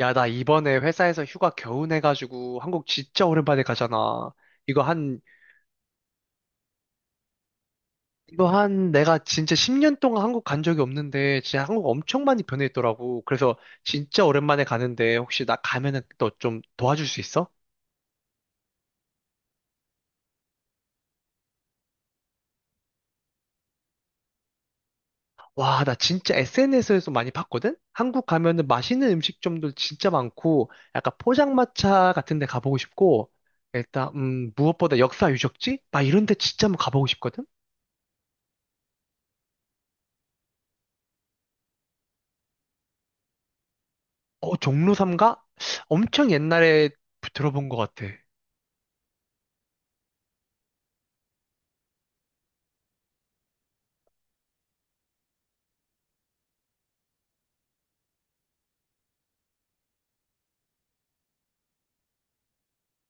야, 나 이번에 회사에서 휴가 겨우 내가지고 한국 진짜 오랜만에 가잖아. 이거 한, 이거 한 내가 진짜 10년 동안 한국 간 적이 없는데 진짜 한국 엄청 많이 변했더라고. 그래서 진짜 오랜만에 가는데 혹시 나 가면은 너 좀 도와줄 수 있어? 와, 나 진짜 SNS에서 많이 봤거든? 한국 가면은 맛있는 음식점도 진짜 많고 약간 포장마차 같은 데 가보고 싶고 일단, 무엇보다 역사 유적지? 막 이런 데 진짜 한번 가보고 싶거든? 어, 종로 삼가 엄청 옛날에 들어본 것 같아.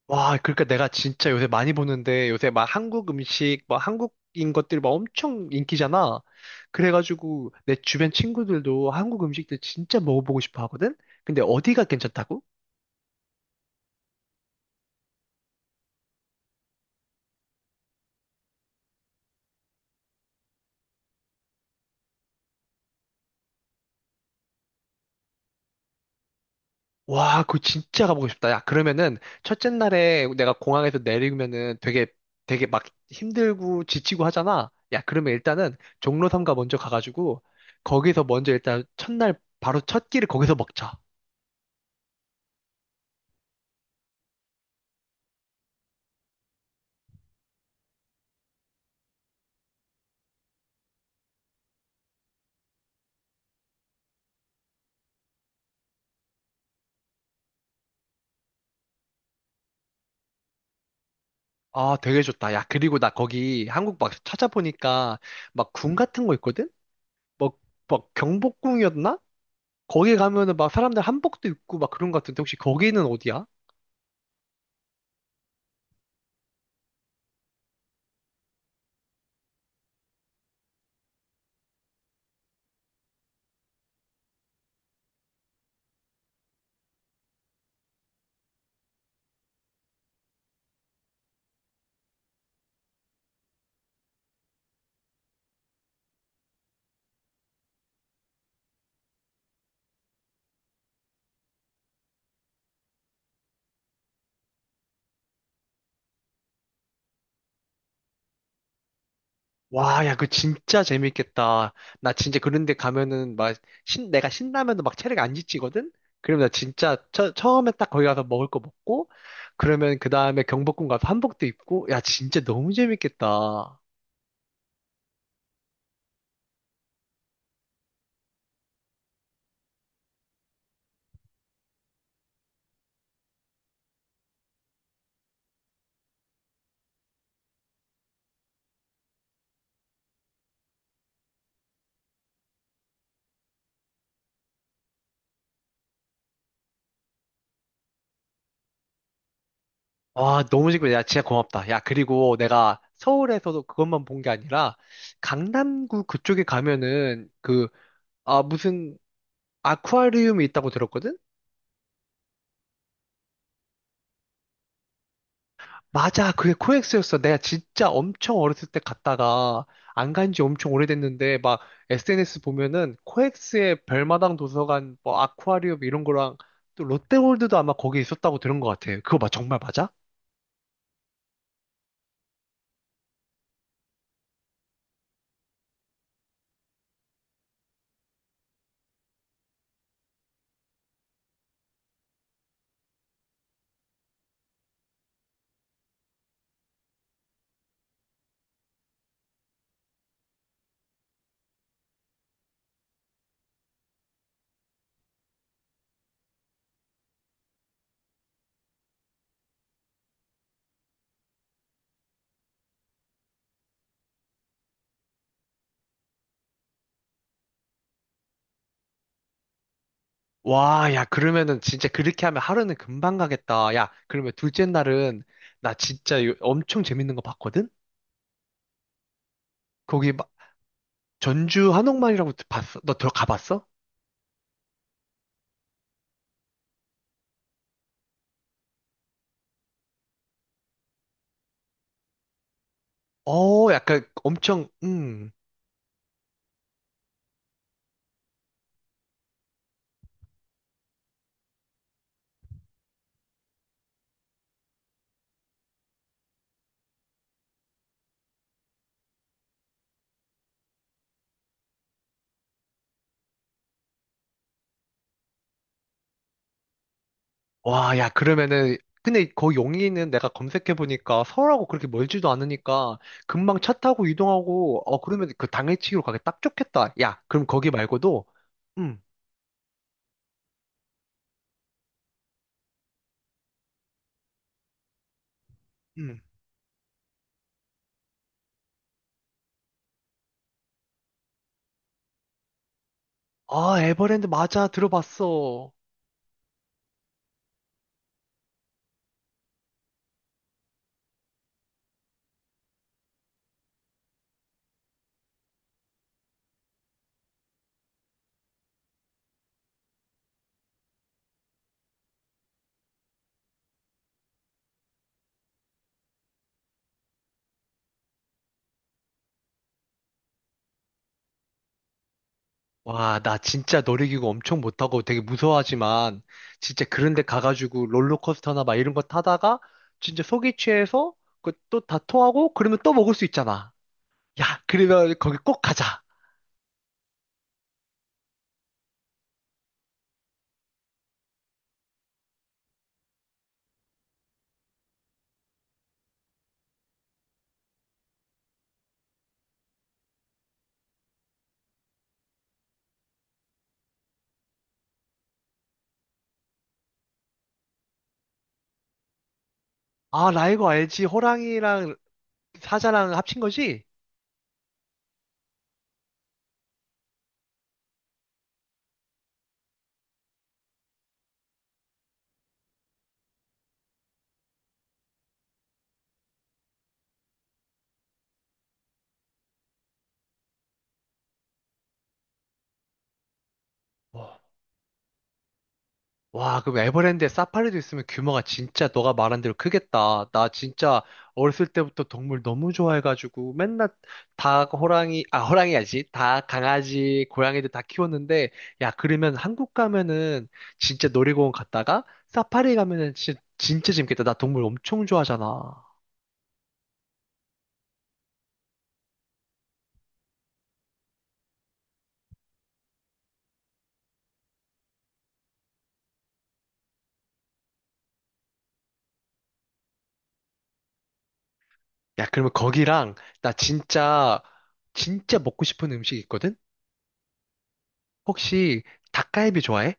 와, 그러니까 내가 진짜 요새 많이 보는데 요새 막 한국 음식, 막 한국인 것들 막 엄청 인기잖아. 그래가지고 내 주변 친구들도 한국 음식들 진짜 먹어보고 싶어 하거든? 근데 어디가 괜찮다고? 와, 그거 진짜 가보고 싶다. 야, 그러면은 첫째 날에 내가 공항에서 내리면은 되게 되게 막 힘들고 지치고 하잖아. 야, 그러면 일단은 종로 삼가 먼저 가가지고 거기서 먼저 일단 첫날 바로 첫 끼를 거기서 먹자. 아, 되게 좋다. 야, 그리고 나 거기 한국 막 찾아보니까 막 궁 같은 거 있거든? 뭐 막 경복궁이었나? 거기 가면은 막 사람들 한복도 입고 막 그런 거 같은데 혹시 거기는 어디야? 와, 야, 그 진짜 재밌겠다. 나 진짜 그런데 가면은 막 내가 신라면도 막 체력 안 지치거든? 그러면 나 진짜 처음에 딱 거기 가서 먹을 거 먹고, 그러면 그 다음에 경복궁 가서 한복도 입고, 야, 진짜 너무 재밌겠다. 와, 너무 재밌겠 야, 진짜 고맙다. 야, 그리고 내가 서울에서도 그것만 본 게 아니라, 강남구 그쪽에 가면은 그, 아, 무슨 아쿠아리움이 있다고 들었거든? 맞아, 그게 코엑스였어. 내가 진짜 엄청 어렸을 때 갔다가 안 간지 엄청 오래됐는데 막 SNS 보면은 코엑스의 별마당 도서관, 뭐 아쿠아리움 이런 거랑 또 롯데월드도 아마 거기 있었다고 들은 것 같아. 그거 막 정말 맞아? 와, 야, 그러면은 진짜 그렇게 하면 하루는 금방 가겠다. 야, 그러면 둘째 날은 나 진짜 엄청 재밌는 거 봤거든? 거기 막 전주 한옥마을이라고 봤어? 너 들어가봤어? 어, 약간 엄청, 와, 야, 그러면은, 근데 거 용인은 내가 검색해보니까 서울하고 그렇게 멀지도 않으니까 금방 차 타고 이동하고, 어, 그러면 그 당일치기로 가기 딱 좋겠다. 야, 그럼 거기 말고도, 음, 음. 아, 에버랜드 맞아. 들어봤어. 와, 나 진짜 놀이기구 엄청 못하고 되게 무서워하지만, 진짜 그런 데 가가지고 롤러코스터나 막 이런 거 타다가, 진짜 속이 취해서 그또다 토하고, 그러면 또 먹을 수 있잖아. 야, 그러면 거기 꼭 가자. 아, 나 이거 알지. 호랑이랑 사자랑 합친 거지? 와, 와, 그럼 에버랜드에 사파리도 있으면 규모가 진짜 너가 말한 대로 크겠다. 나 진짜 어렸을 때부터 동물 너무 좋아해가지고 맨날 닭, 호랑이, 아, 호랑이야지. 닭, 강아지, 고양이들 다 키웠는데, 야, 그러면 한국 가면은 진짜 놀이공원 갔다가 사파리 가면은 진짜, 진짜 재밌겠다. 나 동물 엄청 좋아하잖아. 야, 그러면 거기랑 나 진짜, 진짜 먹고 싶은 음식 있거든? 혹시 닭갈비 좋아해?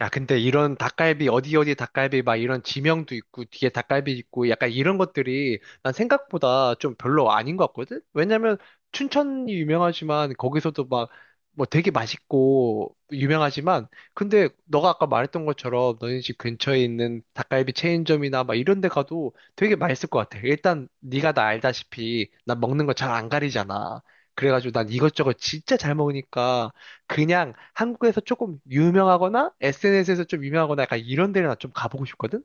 야, 근데 이런 닭갈비, 어디 어디 닭갈비, 막 이런 지명도 있고, 뒤에 닭갈비 있고, 약간 이런 것들이 난 생각보다 좀 별로 아닌 것 같거든? 왜냐면 춘천이 유명하지만, 거기서도 막, 뭐 되게 맛있고, 유명하지만, 근데 너가 아까 말했던 것처럼 너네 집 근처에 있는 닭갈비 체인점이나 막 이런 데 가도 되게 맛있을 것 같아. 일단, 네가 나 알다시피, 난 먹는 거 잘 안 가리잖아. 그래가지고 난 이것저것 진짜 잘 먹으니까, 그냥 한국에서 조금 유명하거나 SNS에서 좀 유명하거나 약간 이런 데를 나 좀 가보고 싶거든?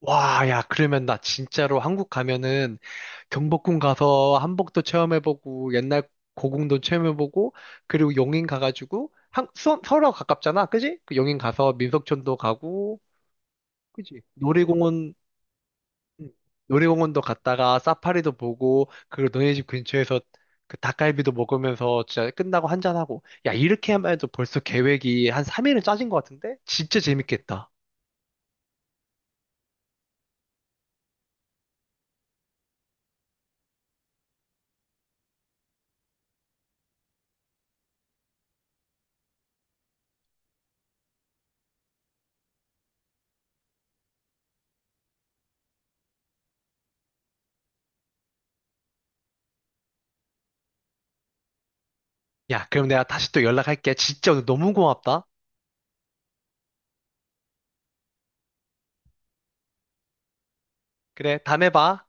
와, 야, 그러면 나 진짜로 한국 가면은 경복궁 가서 한복도 체험해보고 옛날 고궁도 체험해보고 그리고 용인 가가지고 서울하고 가깝잖아, 그지? 그 용인 가서 민속촌도 가고, 그지? 놀이공원 음. 놀이공원도 갔다가 사파리도 보고 그리고 너네 집 근처에서 그 닭갈비도 먹으면서 진짜 끝나고 한잔하고 야 이렇게 하면 해도 벌써 계획이 한 3일은 짜진 것 같은데? 진짜 재밌겠다. 야 그럼 내가 다시 또 연락할게. 진짜 오늘 너무 고맙다. 그래 다음에 봐.